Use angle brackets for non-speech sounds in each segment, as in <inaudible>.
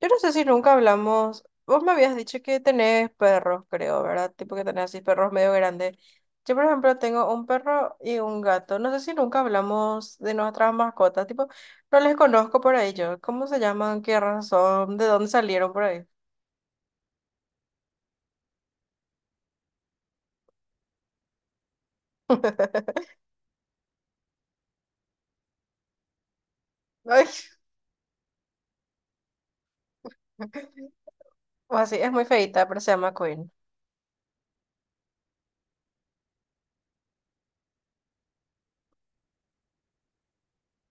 Yo no sé si nunca hablamos. Vos me habías dicho que tenés perros, creo, ¿verdad? Tipo que tenés así perros medio grandes. Yo, por ejemplo, tengo un perro y un gato. No sé si nunca hablamos de nuestras mascotas. Tipo, no les conozco por ahí yo. ¿Cómo se llaman? ¿Qué raza son? ¿De dónde salieron por ahí? Ay, <laughs> o así, es muy feita, pero se llama Queen.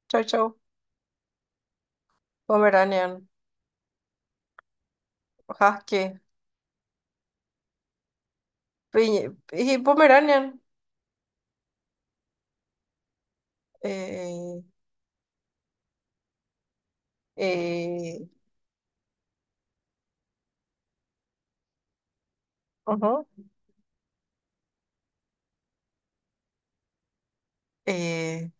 Chau, chau. Pomeranian. Husky. Y Pomeranian. Eh, eh, Ujú. eh,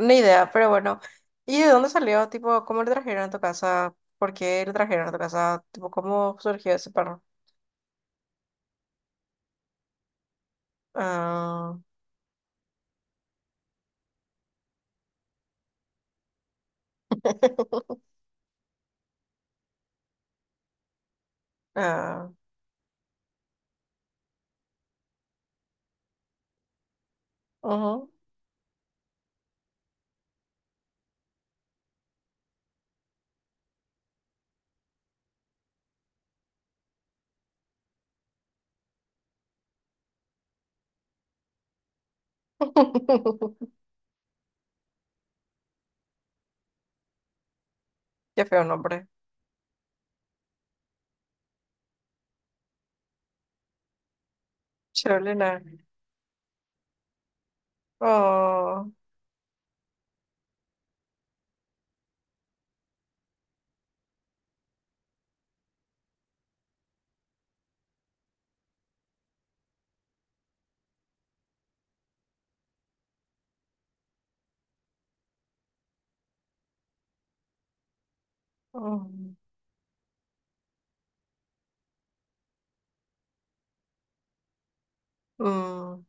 Ni idea, pero bueno. ¿Y de dónde salió? Tipo, ¿cómo le trajeron a tu casa? ¿Por qué le trajeron a tu casa? Tipo, ¿cómo surgió ese perro? Ah. <laughs> Ah. Ujú. <laughs> Qué feo nombre. Cholina. Oh. Mm, mm,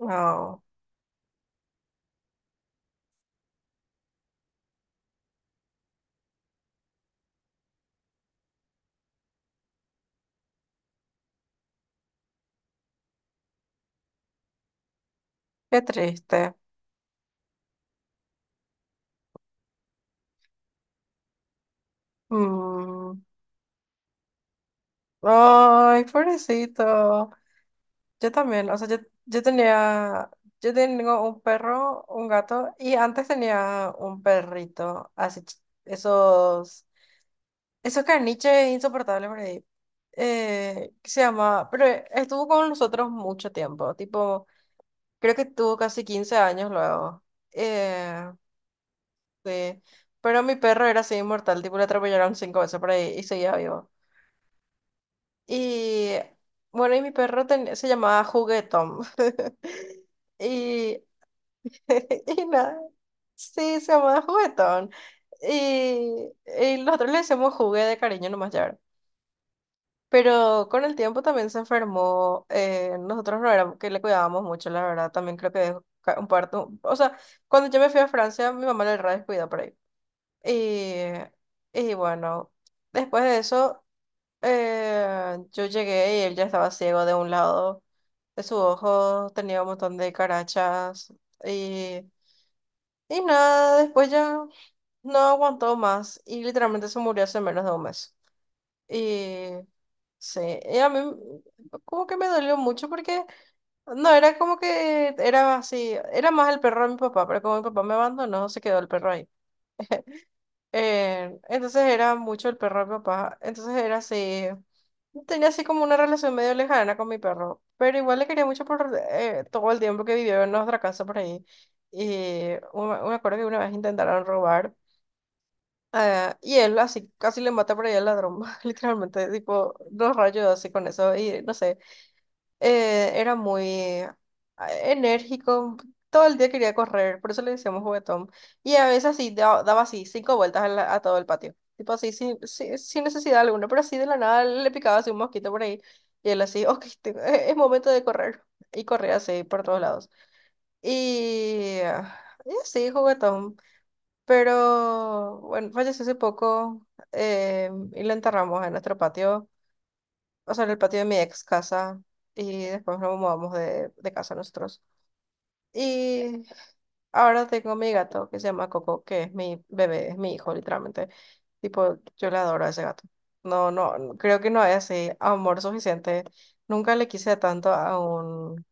oh. Qué triste. Mm. Ay, pobrecito. Yo también, o sea, yo tenía, yo tengo un perro, un gato, y antes tenía un perrito, así, esos caniches insoportables por ahí, que se llama, pero estuvo con nosotros mucho tiempo, tipo, creo que tuvo casi 15 años luego, eh, sí, pero mi perro era así inmortal, tipo, le atropellaron cinco veces por ahí y seguía vivo. Y bueno, y mi perro se llamaba Juguetón. <laughs> Y <laughs> y nada, sí, se llamaba Juguetón. Y, y nosotros le decíamos Jugué de cariño nomás ya, ¿verdad? Pero con el tiempo también se enfermó. Eh, nosotros no éramos que le cuidábamos mucho, la verdad. También creo que dejó un parto. O sea, cuando yo me fui a Francia, mi mamá le re descuidó por ahí. Y, y bueno, después de eso, yo llegué y él ya estaba ciego de un lado de su ojo, tenía un montón de carachas, y nada, después ya no aguantó más y literalmente se murió hace menos de un mes. Y sí, y a mí como que me dolió mucho porque no, era como que era así, era más el perro de mi papá, pero como mi papá me abandonó, se quedó el perro ahí. Entonces era mucho el perro de mi papá, entonces era así, tenía así como una relación medio lejana con mi perro, pero igual le quería mucho por todo el tiempo que vivió en nuestra casa por ahí. Me acuerdo que una vez intentaron robar. Y él así casi le mata por ahí al ladrón, <laughs> literalmente, tipo, dos rayos así con eso, y no sé, era muy enérgico, todo el día quería correr, por eso le decíamos Juguetón, y a veces así daba así cinco vueltas a a todo el patio, tipo así, sin necesidad alguna, pero así de la nada le picaba así un mosquito por ahí, y él así, ok, es momento de correr, y corría así por todos lados, y y así, juguetón. Pero bueno, falleció hace poco, y lo enterramos en nuestro patio, o sea, en el patio de mi ex casa y después nos mudamos de casa nosotros. Y ahora tengo mi gato que se llama Coco, que es mi bebé, es mi hijo literalmente. Tipo, yo le adoro a ese gato. No, no creo que no es así amor suficiente. Nunca le quise tanto a un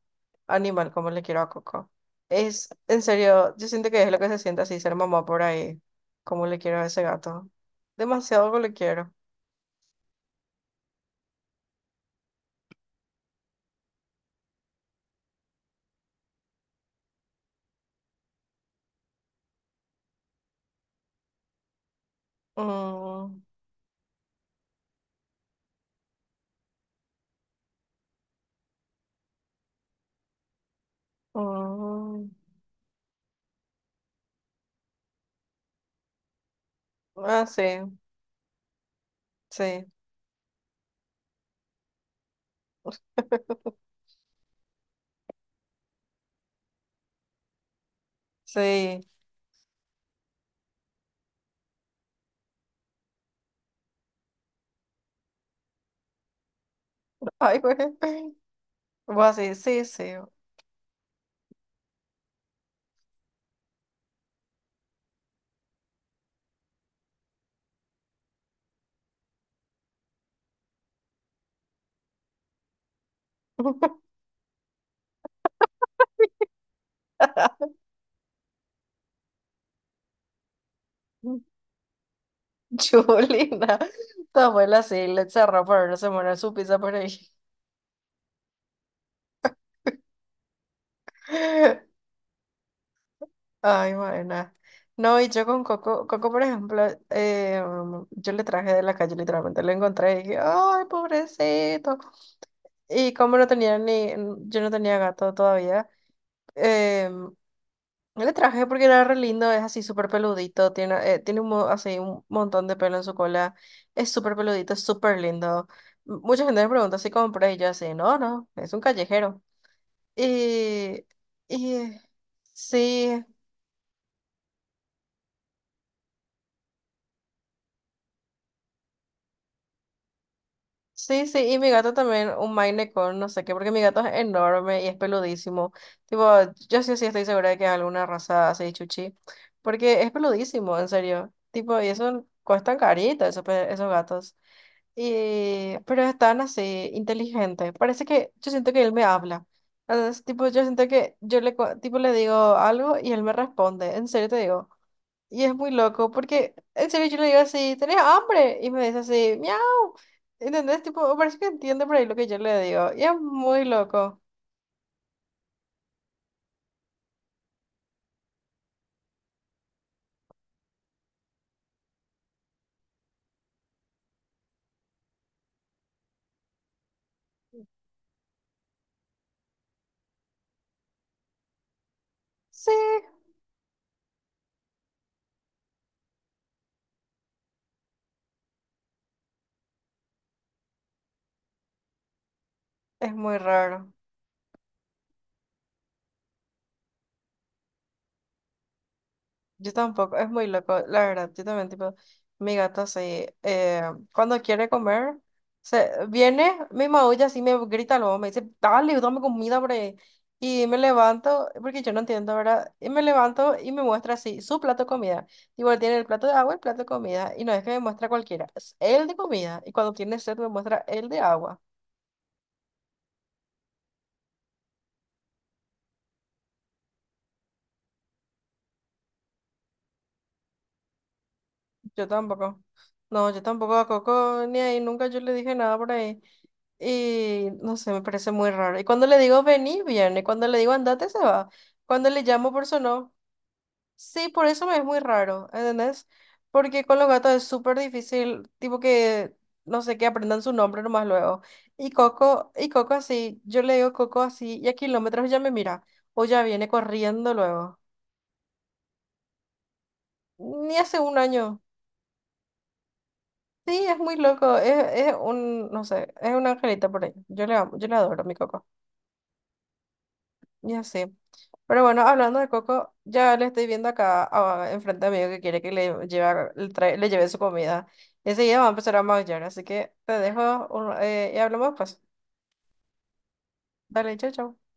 animal como le quiero a Coco. Es, en serio, yo siento que es lo que se siente así ser mamá por ahí, como le quiero a ese gato. Demasiado como le quiero. Mm, mm. Ah, sí, sí, <laughs> sí. Ay, güey. Voy así, sí, sí. <laughs> Julina, tu abuela sí le cerró por no se muere su pizza por ahí. <laughs> Ay, buena. No, y yo con Coco, Coco, por ejemplo, yo le traje de la calle, literalmente lo encontré y dije, ay, pobrecito. Y como no tenía ni, yo no tenía gato todavía, eh, mm, le traje porque era re lindo, es así súper peludito, tiene un, así un montón de pelo en su cola, es súper peludito, es súper lindo. M- Mucha gente me pregunta si compré y yo así, no, no, es un callejero. Y, y sí. Sí, sí, y mi gato también, un Maine Coon, no sé qué, porque mi gato es enorme y es peludísimo. Tipo, yo sí, sí estoy segura de que es alguna raza así, chuchi, porque es peludísimo, en serio. Tipo, y eso cuestan carito, esos, esos gatos. Y, pero es tan así, inteligente. Parece que yo siento que él me habla. Entonces, tipo, yo siento que yo tipo, le digo algo y él me responde, en serio te digo. Y es muy loco, porque en serio yo le digo así, ¿tenés hambre? Y me dice así, miau. ¿Entendés? Tipo, parece que entiende por ahí lo que yo le digo. Y es muy loco. Sí, es muy raro. Yo tampoco, es muy loco, la verdad. Yo también, tipo, mi gato sí. Cuando quiere comer, se viene, me maulla así, me grita luego, me dice, dale, dame comida por ahí. Y me levanto, porque yo no entiendo, ¿verdad? Y me levanto y me muestra así su plato de comida. Igual tiene el plato de agua, el plato de comida. Y no es que me muestra cualquiera, es el de comida. Y cuando tiene sed, me muestra el de agua. Yo tampoco. No, yo tampoco a Coco ni ahí, nunca yo le dije nada por ahí. Y no sé, me parece muy raro. Y cuando le digo vení, viene. Cuando le digo andate, se va. Cuando le llamo por su no, sí, por eso me es muy raro, ¿entendés? Porque con los gatos es súper difícil, tipo que, no sé, que aprendan su nombre nomás luego. Y Coco así, yo le digo Coco así, y a kilómetros ya me mira, o ya viene corriendo luego. Ni hace un año. Sí, es muy loco, es un, no sé, es un angelito por ahí. Yo le amo, yo le adoro a mi Coco. Y así. Pero bueno, hablando de Coco, ya le estoy viendo acá enfrente a mí que quiere que le lleve, le, le lleve su comida. Enseguida va a empezar a maullar, así que te dejo y hablamos pues. Dale, chao, chao.